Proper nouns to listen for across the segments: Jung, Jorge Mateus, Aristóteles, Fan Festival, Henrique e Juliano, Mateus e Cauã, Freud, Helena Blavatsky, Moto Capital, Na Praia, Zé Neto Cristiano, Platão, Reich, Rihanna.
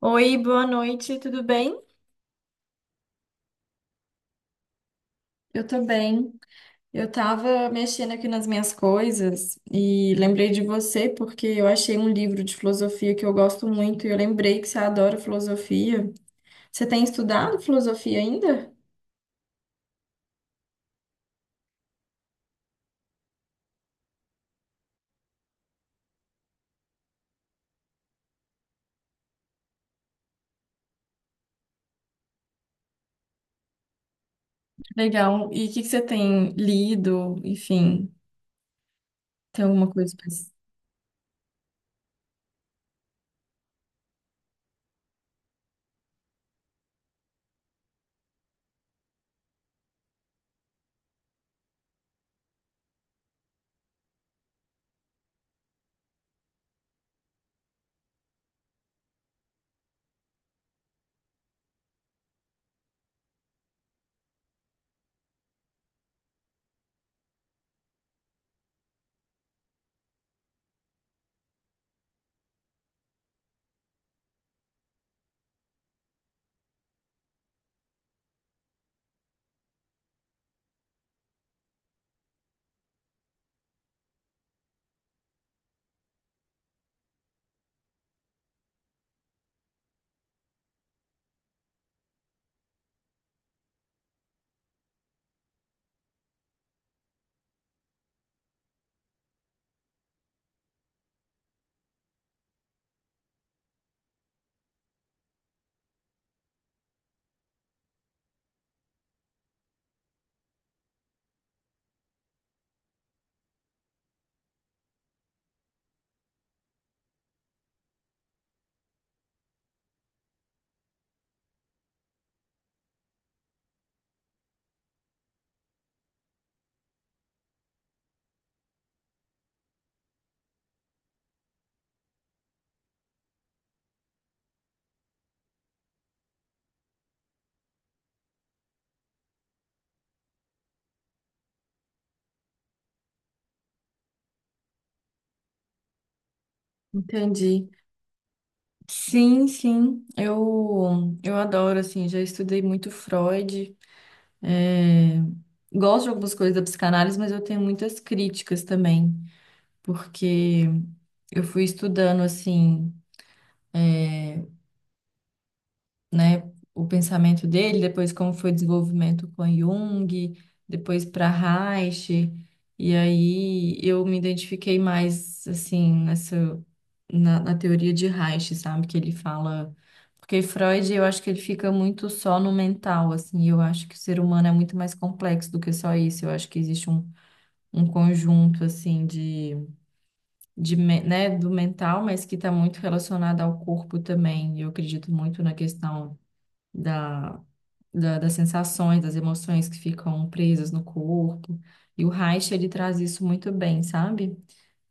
Oi, boa noite, tudo bem? Eu tô bem. Eu tava mexendo aqui nas minhas coisas e lembrei de você porque eu achei um livro de filosofia que eu gosto muito e eu lembrei que você adora filosofia. Você tem estudado filosofia ainda? Legal. E o que que você tem lido? Enfim, tem alguma coisa pra. Entendi. Sim, sim. Eu adoro assim, já estudei muito Freud. É, gosto de algumas coisas da psicanálise, mas eu tenho muitas críticas também, porque eu fui estudando assim, né, o pensamento dele, depois como foi o desenvolvimento com Jung, depois para Reich, e aí eu me identifiquei mais assim na teoria de Reich, sabe, que ele fala. Porque Freud, eu acho que ele fica muito só no mental, assim. Eu acho que o ser humano é muito mais complexo do que só isso. Eu acho que existe um conjunto assim de, né, do mental, mas que está muito relacionado ao corpo também. Eu acredito muito na questão da, das sensações, das emoções que ficam presas no corpo. E o Reich, ele traz isso muito bem, sabe?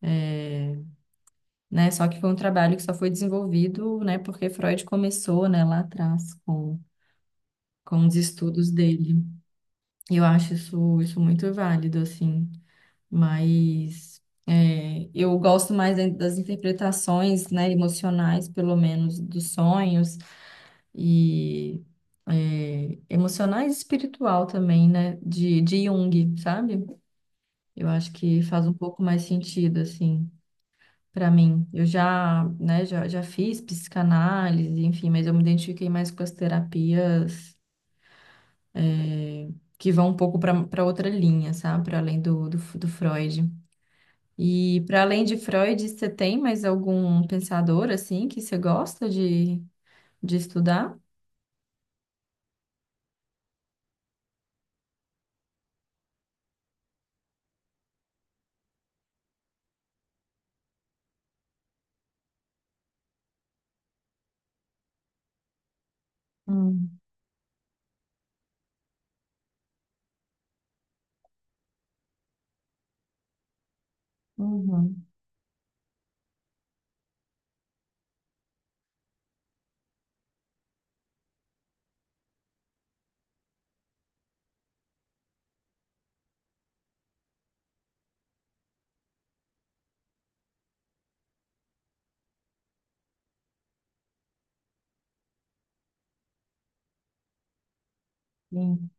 É, né, só que foi um trabalho que só foi desenvolvido, né, porque Freud começou, né, lá atrás com os estudos dele. E eu acho isso muito válido, assim. Mas é, eu gosto mais das interpretações, né, emocionais, pelo menos, dos sonhos e é, emocionais e espiritual também, né, de Jung, sabe? Eu acho que faz um pouco mais sentido, assim, para mim. Eu já, né, já fiz psicanálise, enfim, mas eu me identifiquei mais com as terapias é, que vão um pouco para outra linha, sabe? Para além do Freud. E para além de Freud, você tem mais algum pensador assim que você gosta de estudar? Hum, uhum, sim.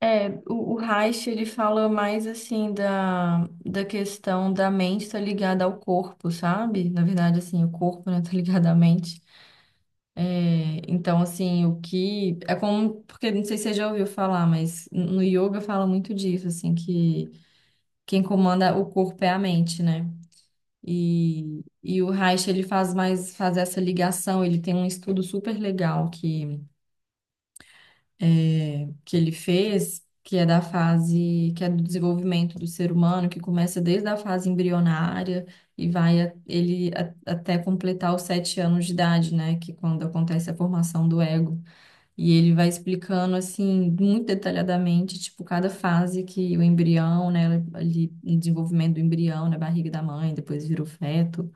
É, o Reich, ele fala mais assim da questão da mente estar ligada ao corpo, sabe? Na verdade, assim, o corpo, né, tá ligado à mente. É, então, assim, o que. É como. Porque, não sei se você já ouviu falar, mas no yoga fala muito disso, assim, que quem comanda o corpo é a mente, né? E o Reich, ele faz essa ligação, ele tem um estudo super legal que ele fez, que é da fase, que é do desenvolvimento do ser humano, que começa desde a fase embrionária e vai a- ele a- até completar os 7 anos de idade, né, que é quando acontece a formação do ego. E ele vai explicando, assim, muito detalhadamente, tipo, cada fase que o embrião, né, ali, o desenvolvimento do embrião na barriga da mãe, depois vira o feto,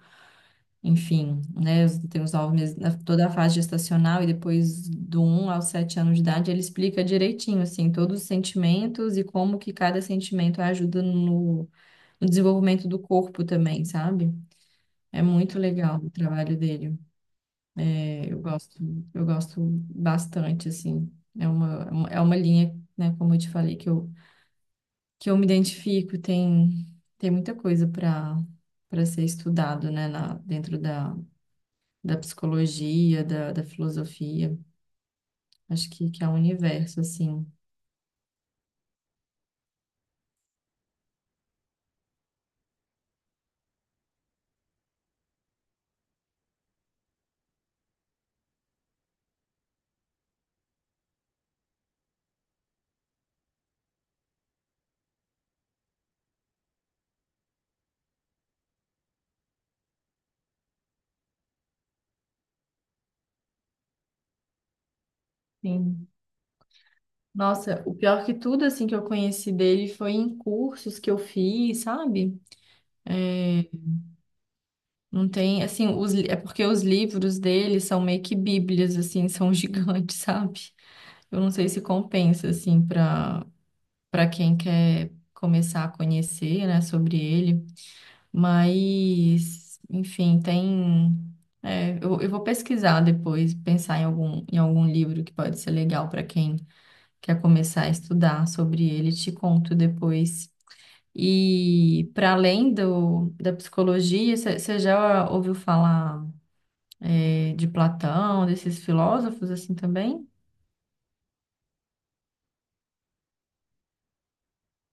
enfim, né? Tem os 9 meses, toda a fase gestacional e depois do 1 aos 7 anos de idade, ele explica direitinho, assim, todos os sentimentos e como que cada sentimento ajuda no, desenvolvimento do corpo também, sabe? É muito legal o trabalho dele. É, eu gosto bastante, assim. É uma linha, né, como eu te falei, que eu me identifico, tem muita coisa para ser estudado, né, dentro da psicologia, da filosofia. Acho que é um universo, assim. Sim. Nossa, o pior que tudo, assim, que eu conheci dele foi em cursos que eu fiz, sabe? É, não tem, assim, é porque os livros dele são meio que bíblias, assim, são gigantes, sabe? Eu não sei se compensa, assim, para quem quer começar a conhecer, né, sobre ele. Mas, enfim, tem. É, eu vou pesquisar depois, pensar em algum livro que pode ser legal para quem quer começar a estudar sobre ele, te conto depois. E para além da psicologia, você já ouviu falar, de Platão, desses filósofos assim também?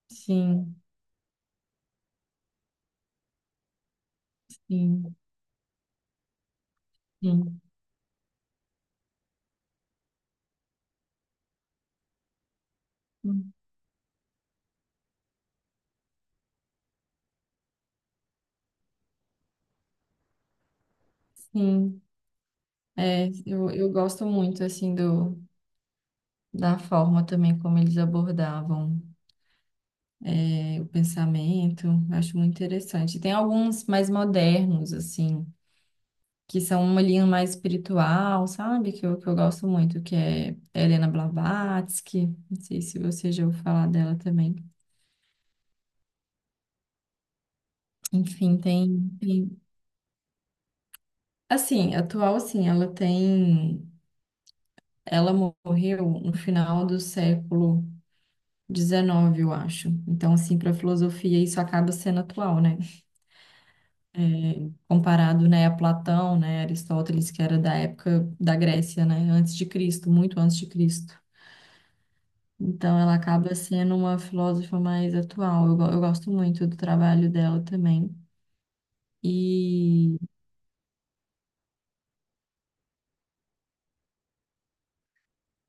Sim, sim, sim. Hum, sim, é, eu gosto muito assim da forma também como eles abordavam, né, o pensamento. Eu acho muito interessante. Tem alguns mais modernos, assim, que são uma linha mais espiritual, sabe? Que eu gosto muito, que é Helena Blavatsky. Não sei se você já ouviu falar dela também. Enfim, tem. Assim, atual, assim, ela tem. Ela morreu no final do século XIX, eu acho. Então, assim, para a filosofia, isso acaba sendo atual, né? Comparado, né, a Platão, né, Aristóteles, que era da época da Grécia, né, antes de Cristo, muito antes de Cristo. Então, ela acaba sendo uma filósofa mais atual. Eu gosto muito do trabalho dela também. E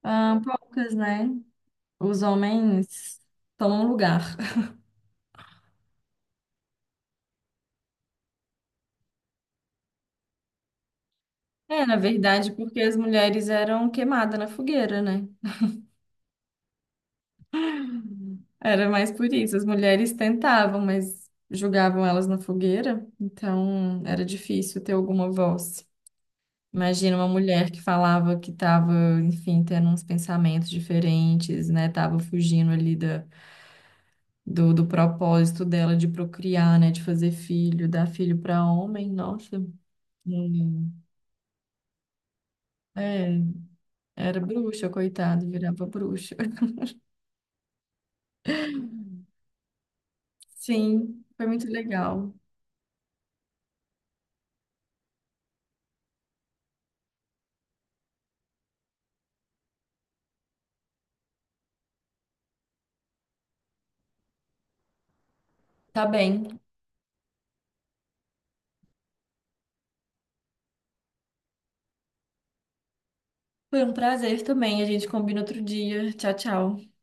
ah, poucas, né? Os homens tomam lugar. É, na verdade, porque as mulheres eram queimadas na fogueira, né? Era mais por isso. As mulheres tentavam, mas jogavam elas na fogueira. Então, era difícil ter alguma voz. Imagina uma mulher que falava que estava, enfim, tendo uns pensamentos diferentes, né? Tava fugindo ali do propósito dela de procriar, né? De fazer filho, dar filho para homem. Nossa, hum. É, era bruxa, coitado, virava bruxa. Sim, foi muito legal. Tá bem. Foi um prazer também. A gente combina outro dia. Tchau, tchau.